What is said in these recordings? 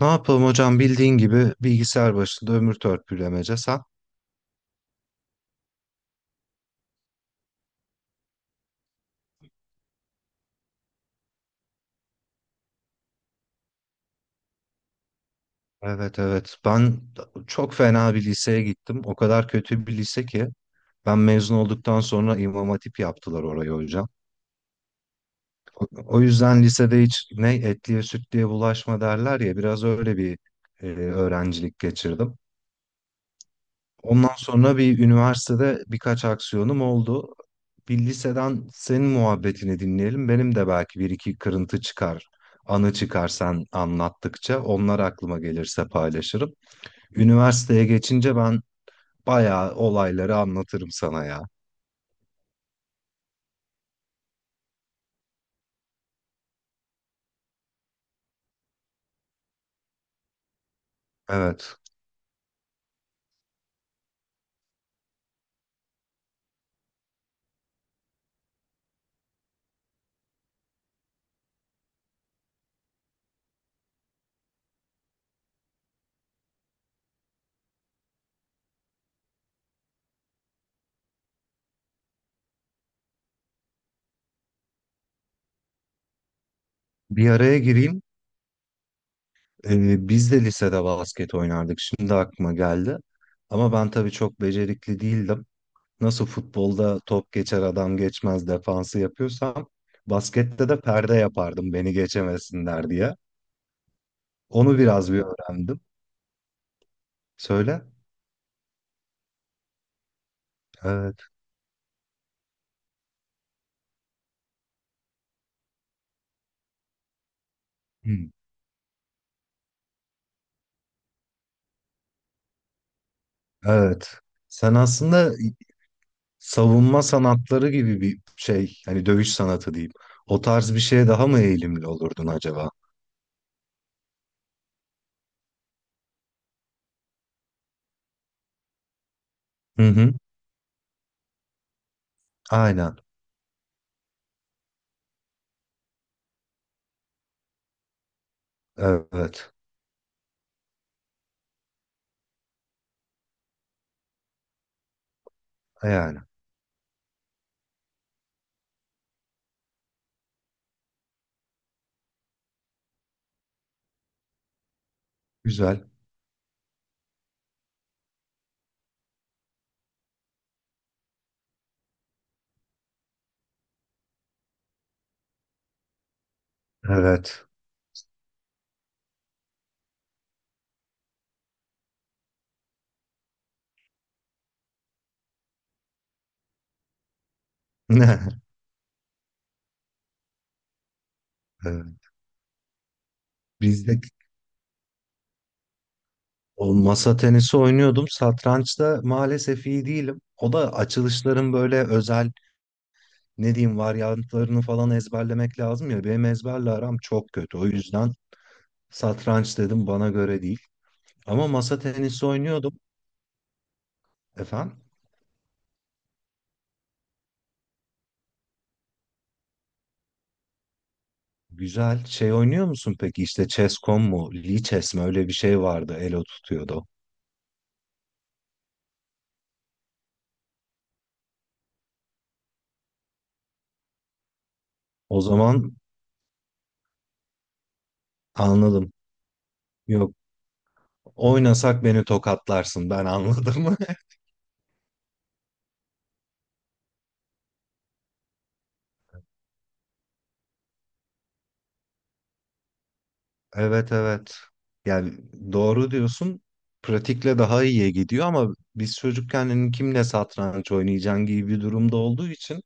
Ne yapalım hocam bildiğin gibi bilgisayar başında ömür törpülemece sen. Evet, evet, ben çok fena bir liseye gittim. O kadar kötü bir lise ki ben mezun olduktan sonra İmam Hatip yaptılar orayı hocam. O yüzden lisede hiç ne etliye sütlüye bulaşma derler ya biraz öyle bir öğrencilik geçirdim. Ondan sonra bir üniversitede birkaç aksiyonum oldu. Bir liseden senin muhabbetini dinleyelim. Benim de belki bir iki kırıntı çıkar, anı çıkar sen anlattıkça. Onlar aklıma gelirse paylaşırım. Üniversiteye geçince ben bayağı olayları anlatırım sana ya. Evet. Bir araya gireyim. Biz de lisede basket oynardık. Şimdi aklıma geldi. Ama ben tabii çok becerikli değildim. Nasıl futbolda top geçer adam geçmez defansı yapıyorsam baskette de perde yapardım beni geçemesinler diye. Onu biraz bir öğrendim. Söyle. Evet. Hmm. Evet. Sen aslında savunma sanatları gibi bir şey, hani dövüş sanatı diyeyim. O tarz bir şeye daha mı eğilimli olurdun acaba? Hı hı. Aynen. Evet. Yani. Güzel. Evet. Evet. Bizde o masa tenisi oynuyordum. Satrançta maalesef iyi değilim. O da açılışların böyle özel ne diyeyim varyantlarını falan ezberlemek lazım ya. Benim ezberle aram çok kötü. O yüzden satranç dedim bana göre değil. Ama masa tenisi oynuyordum. Efendim? Güzel. Şey oynuyor musun peki? İşte Chess.com mu? Lee Chess mi? Öyle bir şey vardı. Elo tutuyordu. O zaman anladım. Yok. Oynasak beni tokatlarsın. Ben anladım. Evet, evet. Yani doğru diyorsun. Pratikle daha iyiye gidiyor ama biz çocukken hani kimle satranç oynayacaksın gibi bir durumda olduğu için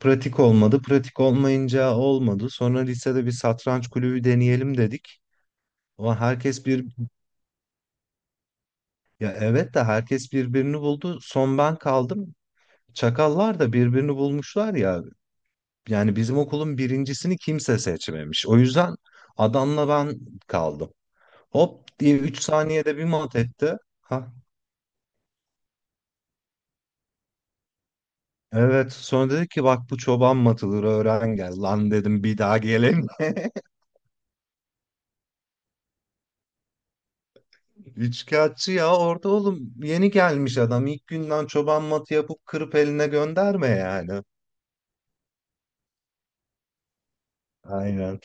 pratik olmadı. Pratik olmayınca olmadı. Sonra lisede bir satranç kulübü deneyelim dedik. Ama herkes bir, ya evet de herkes birbirini buldu. Son ben kaldım. Çakallar da birbirini bulmuşlar ya. Yani bizim okulun birincisini kimse seçmemiş. O yüzden adamla ben kaldım. Hop diye 3 saniyede bir mat etti. Ha, evet. Sonra dedi ki bak bu çoban matıdır öğren gel. Lan dedim bir daha geleyim. Üçkağıtçı ya orada oğlum yeni gelmiş adam. İlk günden çoban matı yapıp kırıp eline gönderme yani. Aynen.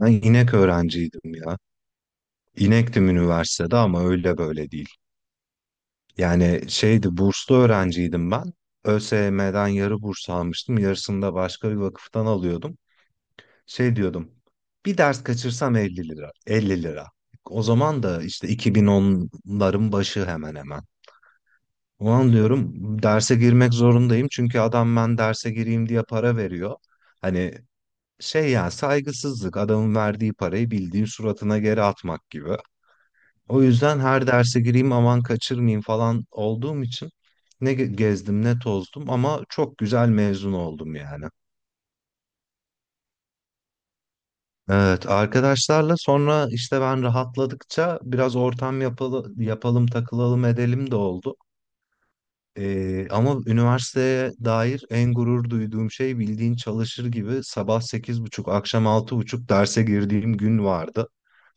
Ben inek öğrenciydim ya. İnektim üniversitede ama öyle böyle değil. Yani şeydi burslu öğrenciydim ben. ÖSYM'den yarı burs almıştım. Yarısını da başka bir vakıftan alıyordum. Şey diyordum. Bir ders kaçırsam 50 TL. 50 TL. O zaman da işte 2010'ların başı hemen hemen. O an diyorum derse girmek zorundayım. Çünkü adam ben derse gireyim diye para veriyor. Hani şey ya saygısızlık adamın verdiği parayı bildiğin suratına geri atmak gibi. O yüzden her derse gireyim aman kaçırmayayım falan olduğum için ne gezdim ne tozdum ama çok güzel mezun oldum yani. Evet, arkadaşlarla sonra işte ben rahatladıkça biraz ortam yapalım, takılalım edelim de oldu. Ama üniversiteye dair en gurur duyduğum şey bildiğin çalışır gibi sabah 8.30 akşam 6.30 derse girdiğim gün vardı.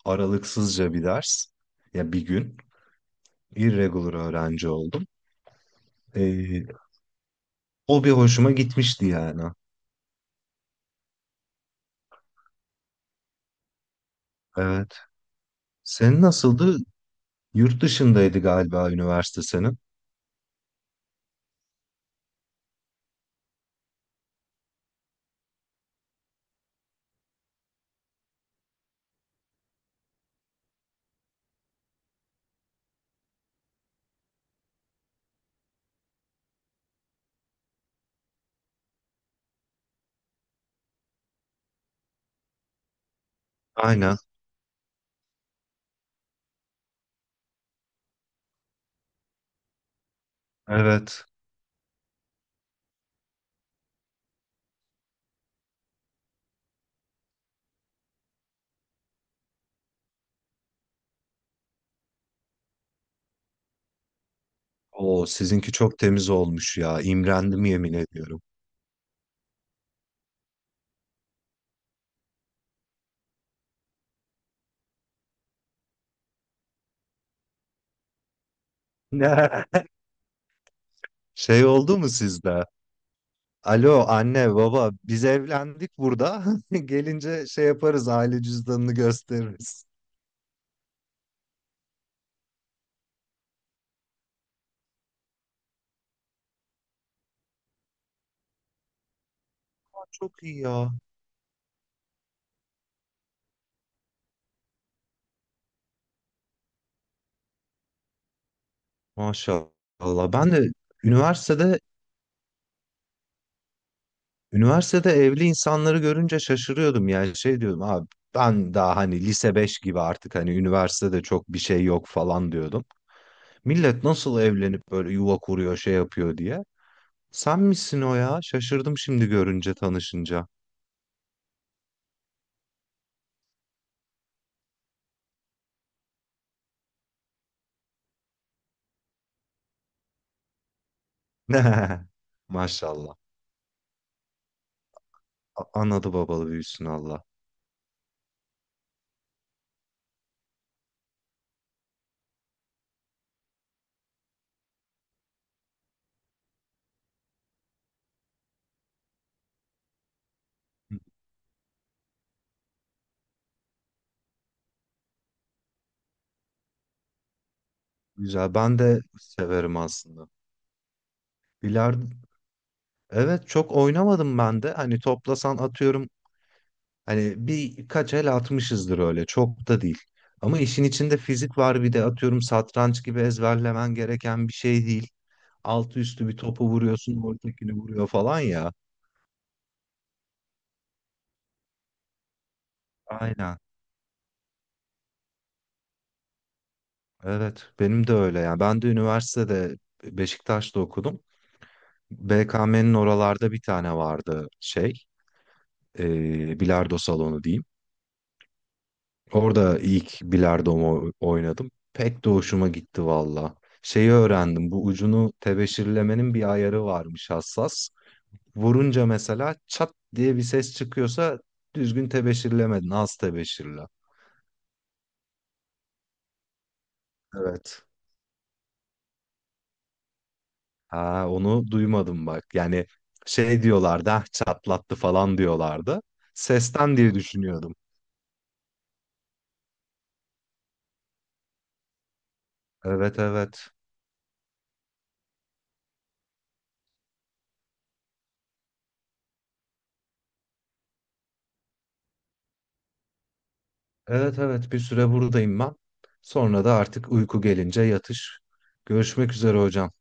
Aralıksızca bir ders. Ya bir gün. Irregular öğrenci oldum. Ee, O bir hoşuma gitmişti yani. Evet. Senin nasıldı? Yurt dışındaydı galiba üniversite senin. Aynen. Evet. Oo sizinki çok temiz olmuş ya. İmrendim yemin ediyorum. Ne? Şey oldu mu sizde? Alo anne baba biz evlendik burada. Gelince şey yaparız aile cüzdanını gösteririz. Çok iyi ya. Maşallah. Ben de üniversitede üniversitede evli insanları görünce şaşırıyordum. Yani şey diyordum abi ben daha hani lise 5 gibi artık hani üniversitede çok bir şey yok falan diyordum. Millet nasıl evlenip böyle yuva kuruyor şey yapıyor diye. Sen misin o ya? Şaşırdım şimdi görünce tanışınca. Maşallah. Anadı babalı büyüsün Allah. Güzel. Ben de severim aslında. Bilardo evet çok oynamadım ben de. Hani toplasan atıyorum hani birkaç el atmışızdır öyle. Çok da değil. Ama işin içinde fizik var bir de atıyorum satranç gibi ezberlemen gereken bir şey değil. Altı üstü bir topu vuruyorsun, ortakini vuruyor falan ya. Aynen. Evet, benim de öyle. Yani, ben de üniversitede Beşiktaş'ta okudum. BKM'nin oralarda bir tane vardı şey, bilardo salonu diyeyim. Orada ilk bilardomu oynadım. Pek de hoşuma gitti valla. Şeyi öğrendim, bu ucunu tebeşirlemenin bir ayarı varmış hassas. Vurunca mesela çat diye bir ses çıkıyorsa düzgün tebeşirlemedin, az tebeşirle. Evet. Ha, onu duymadım bak. Yani şey diyorlardı, ah çatlattı falan diyorlardı. Sesten diye düşünüyordum. Evet, evet. Evet, evet, bir süre buradayım ben. Sonra da artık uyku gelince yatış. Görüşmek üzere hocam.